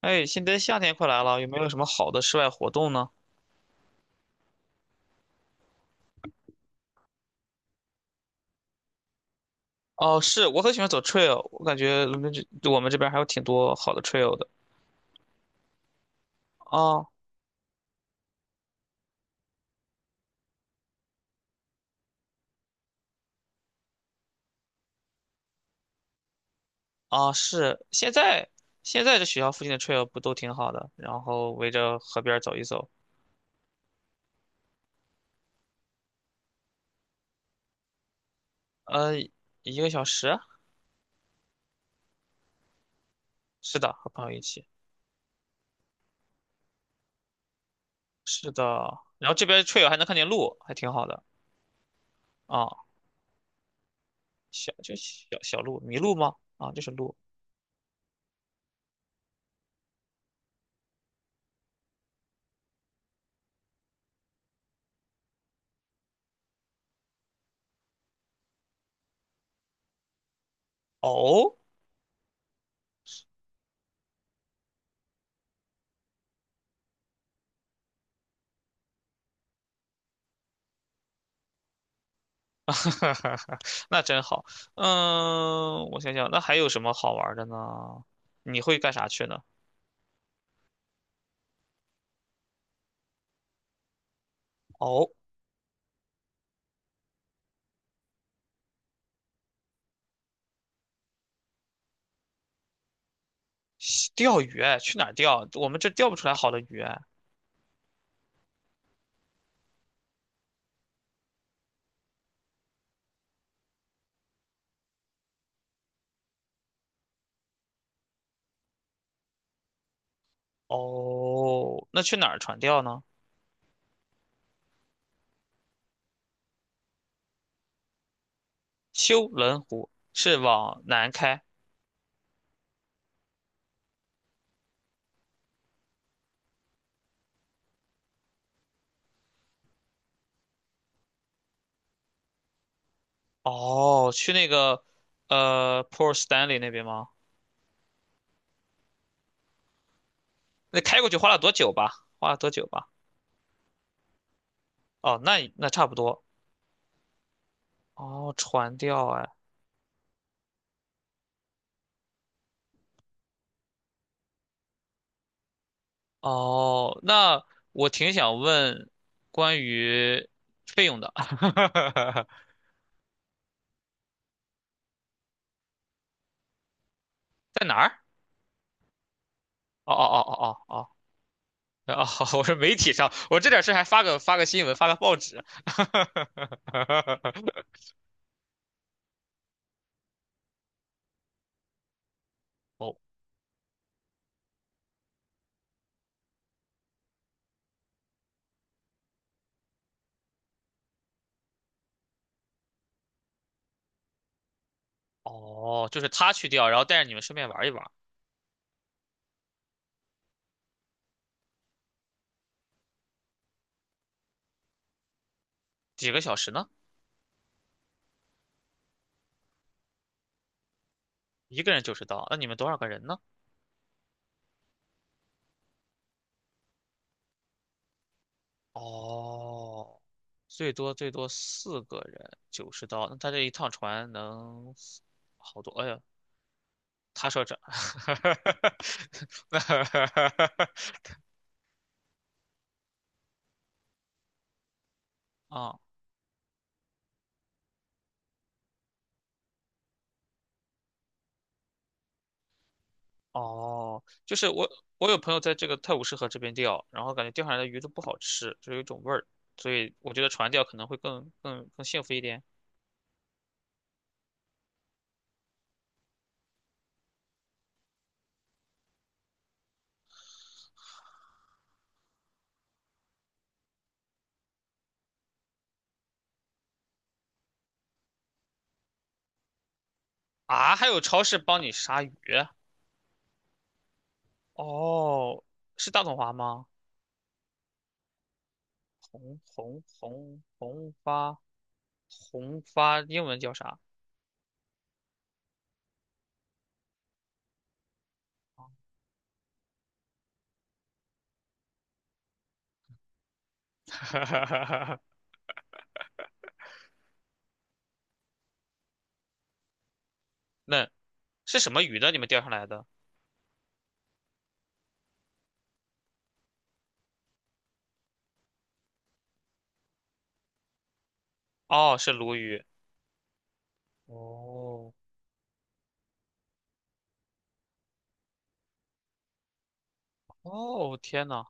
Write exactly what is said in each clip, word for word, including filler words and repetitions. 哎，现在夏天快来了，有没有什么好的室外活动呢？哦，是，我很喜欢走 trail，我感觉伦敦这我们这边还有挺多好的 trail 的。哦，啊，是，现在现在这学校附近的 trail 不都挺好的？然后围着河边儿走一走，呃，一个小时啊？是的，和朋友一起。是的，然后这边 trail 还能看见鹿，还挺好的。啊，小就小小鹿、麋鹿吗？啊，就是鹿。哦，哈哈，那真好。嗯，我想想，那还有什么好玩儿的呢？你会干啥去呢？哦，西钓鱼哎，去哪儿钓？我们这钓不出来好的鱼哎。哦，那去哪儿船钓呢？修伦湖是往南开。哦，去那个呃 Port Stanley 那边吗？那开过去花了多久吧？花了多久吧？哦，那那差不多。哦，船钓哎，哦，那我挺想问关于费用的，在哪儿？哦哦哦哦哦哦，哦，我说媒体上，我这点事还发个发个新闻，发个报纸。哦哦，就是他去掉，然后带着你们顺便玩一玩，几个小时呢？一个人九十刀，那你们多少个人呢？哦，最多最多四个人，九十刀，那他这一趟船能好多，哎呀，他说这，啊，哦，就是我，我有朋友在这个泰晤士河这边钓，然后感觉钓上来的鱼都不好吃，就有一种味儿，所以我觉得船钓可能会更更更幸福一点啊。还有超市帮你杀鱼，哦，是大统华吗？红红红红发红发，英文叫啥？那是什么鱼呢？你们钓上来的？哦，是鲈鱼。哦哦，天呐！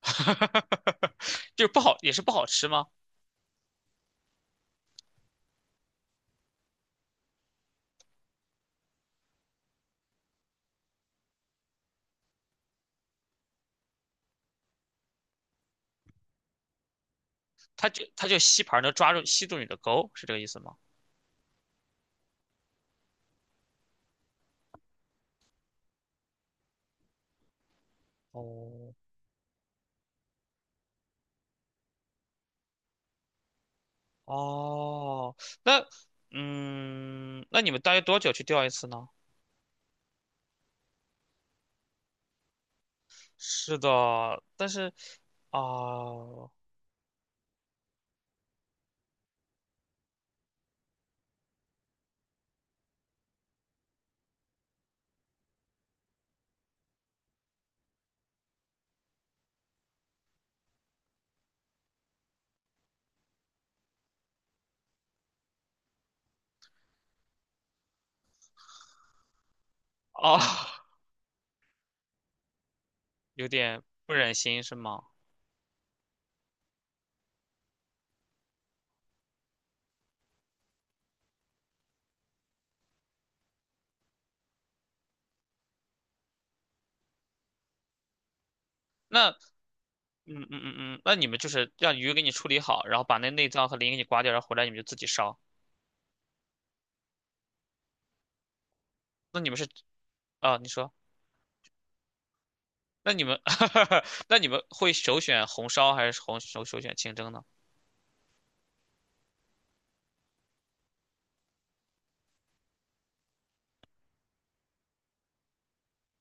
哈哈哈哈哈，就是不好，也是不好吃吗？它就它就吸盘能抓住吸住你的钩，是这个意思吗？哦哦，那嗯，那你们大约多久去钓一次呢？是的，但是哦哦，有点不忍心是吗？那嗯嗯嗯嗯，那你们就是让鱼给你处理好，然后把那内脏和鳞给你刮掉，然后回来你们就自己烧。那你们是啊、你说。那你们，那你们会首选红烧还是红首首选清蒸呢？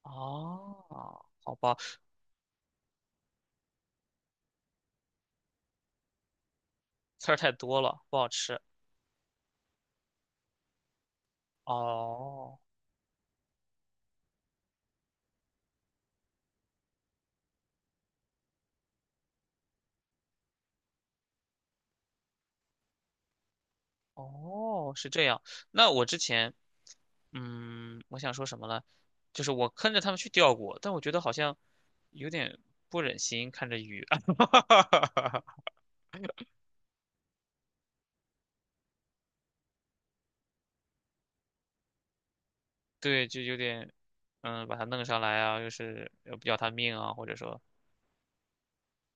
哦，好吧，刺儿太多了，不好吃。哦，哦，是这样。那我之前，嗯，我想说什么呢？就是我跟着他们去钓过，但我觉得好像有点不忍心看着鱼，对，就有点，嗯，把它弄上来啊，又是要要它命啊，或者说。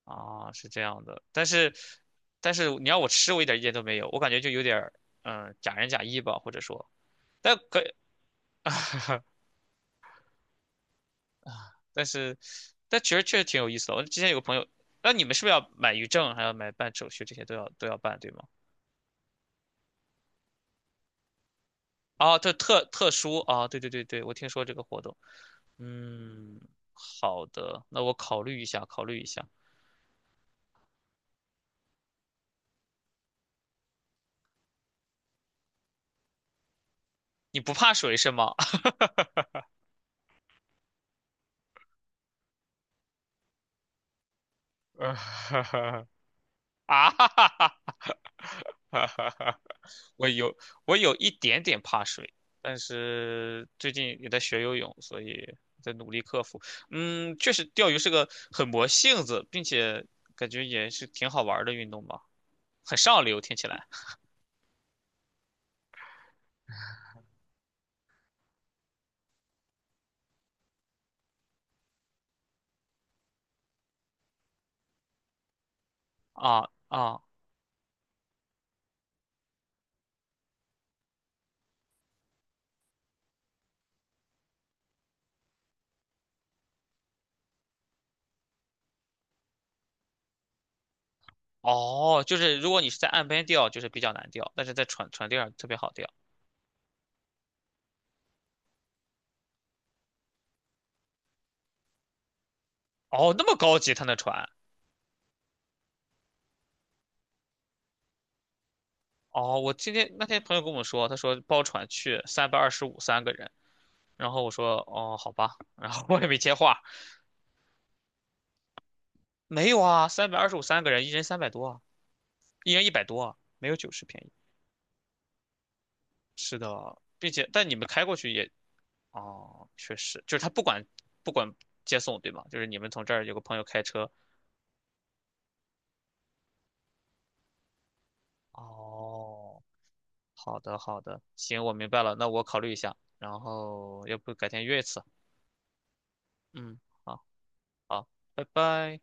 啊，是这样的，但是，但是你要我吃，我一点意见都没有，我感觉就有点儿，嗯，假仁假义吧，或者说，但可啊，但是，但其实确实挺有意思的。我之前有个朋友，那你们是不是要买鱼证，还要买办手续，这些都要都要办，对吗？啊，这特特殊啊，对对对对，我听说这个活动，嗯，好的，那我考虑一下，考虑一下。你不怕水是吗？啊哈哈哈哈哈哈！我有我有一点点怕水，但是最近也在学游泳，所以在努力克服。嗯，确实钓鱼是个很磨性子，并且感觉也是挺好玩儿的运动吧，很上流，听起来。啊啊哦，就是如果你是在岸边钓，就是比较难钓，但是在船船钓上特别好钓。哦，那么高级，他那船。哦，我今天那天朋友跟我说，他说包船去三百二十五三个人，然后我说哦好吧，然后我也没接话，没有啊，三百二十五三个人，一人三百多啊，一人一百多啊，没有九十便宜。是的，并且但你们开过去也，哦，确实，就是他不管不管接送对吗？就是你们从这儿有个朋友开车。哦，好的好的，行，我明白了，那我考虑一下，然后要不改天约一次。嗯，好，好，拜拜。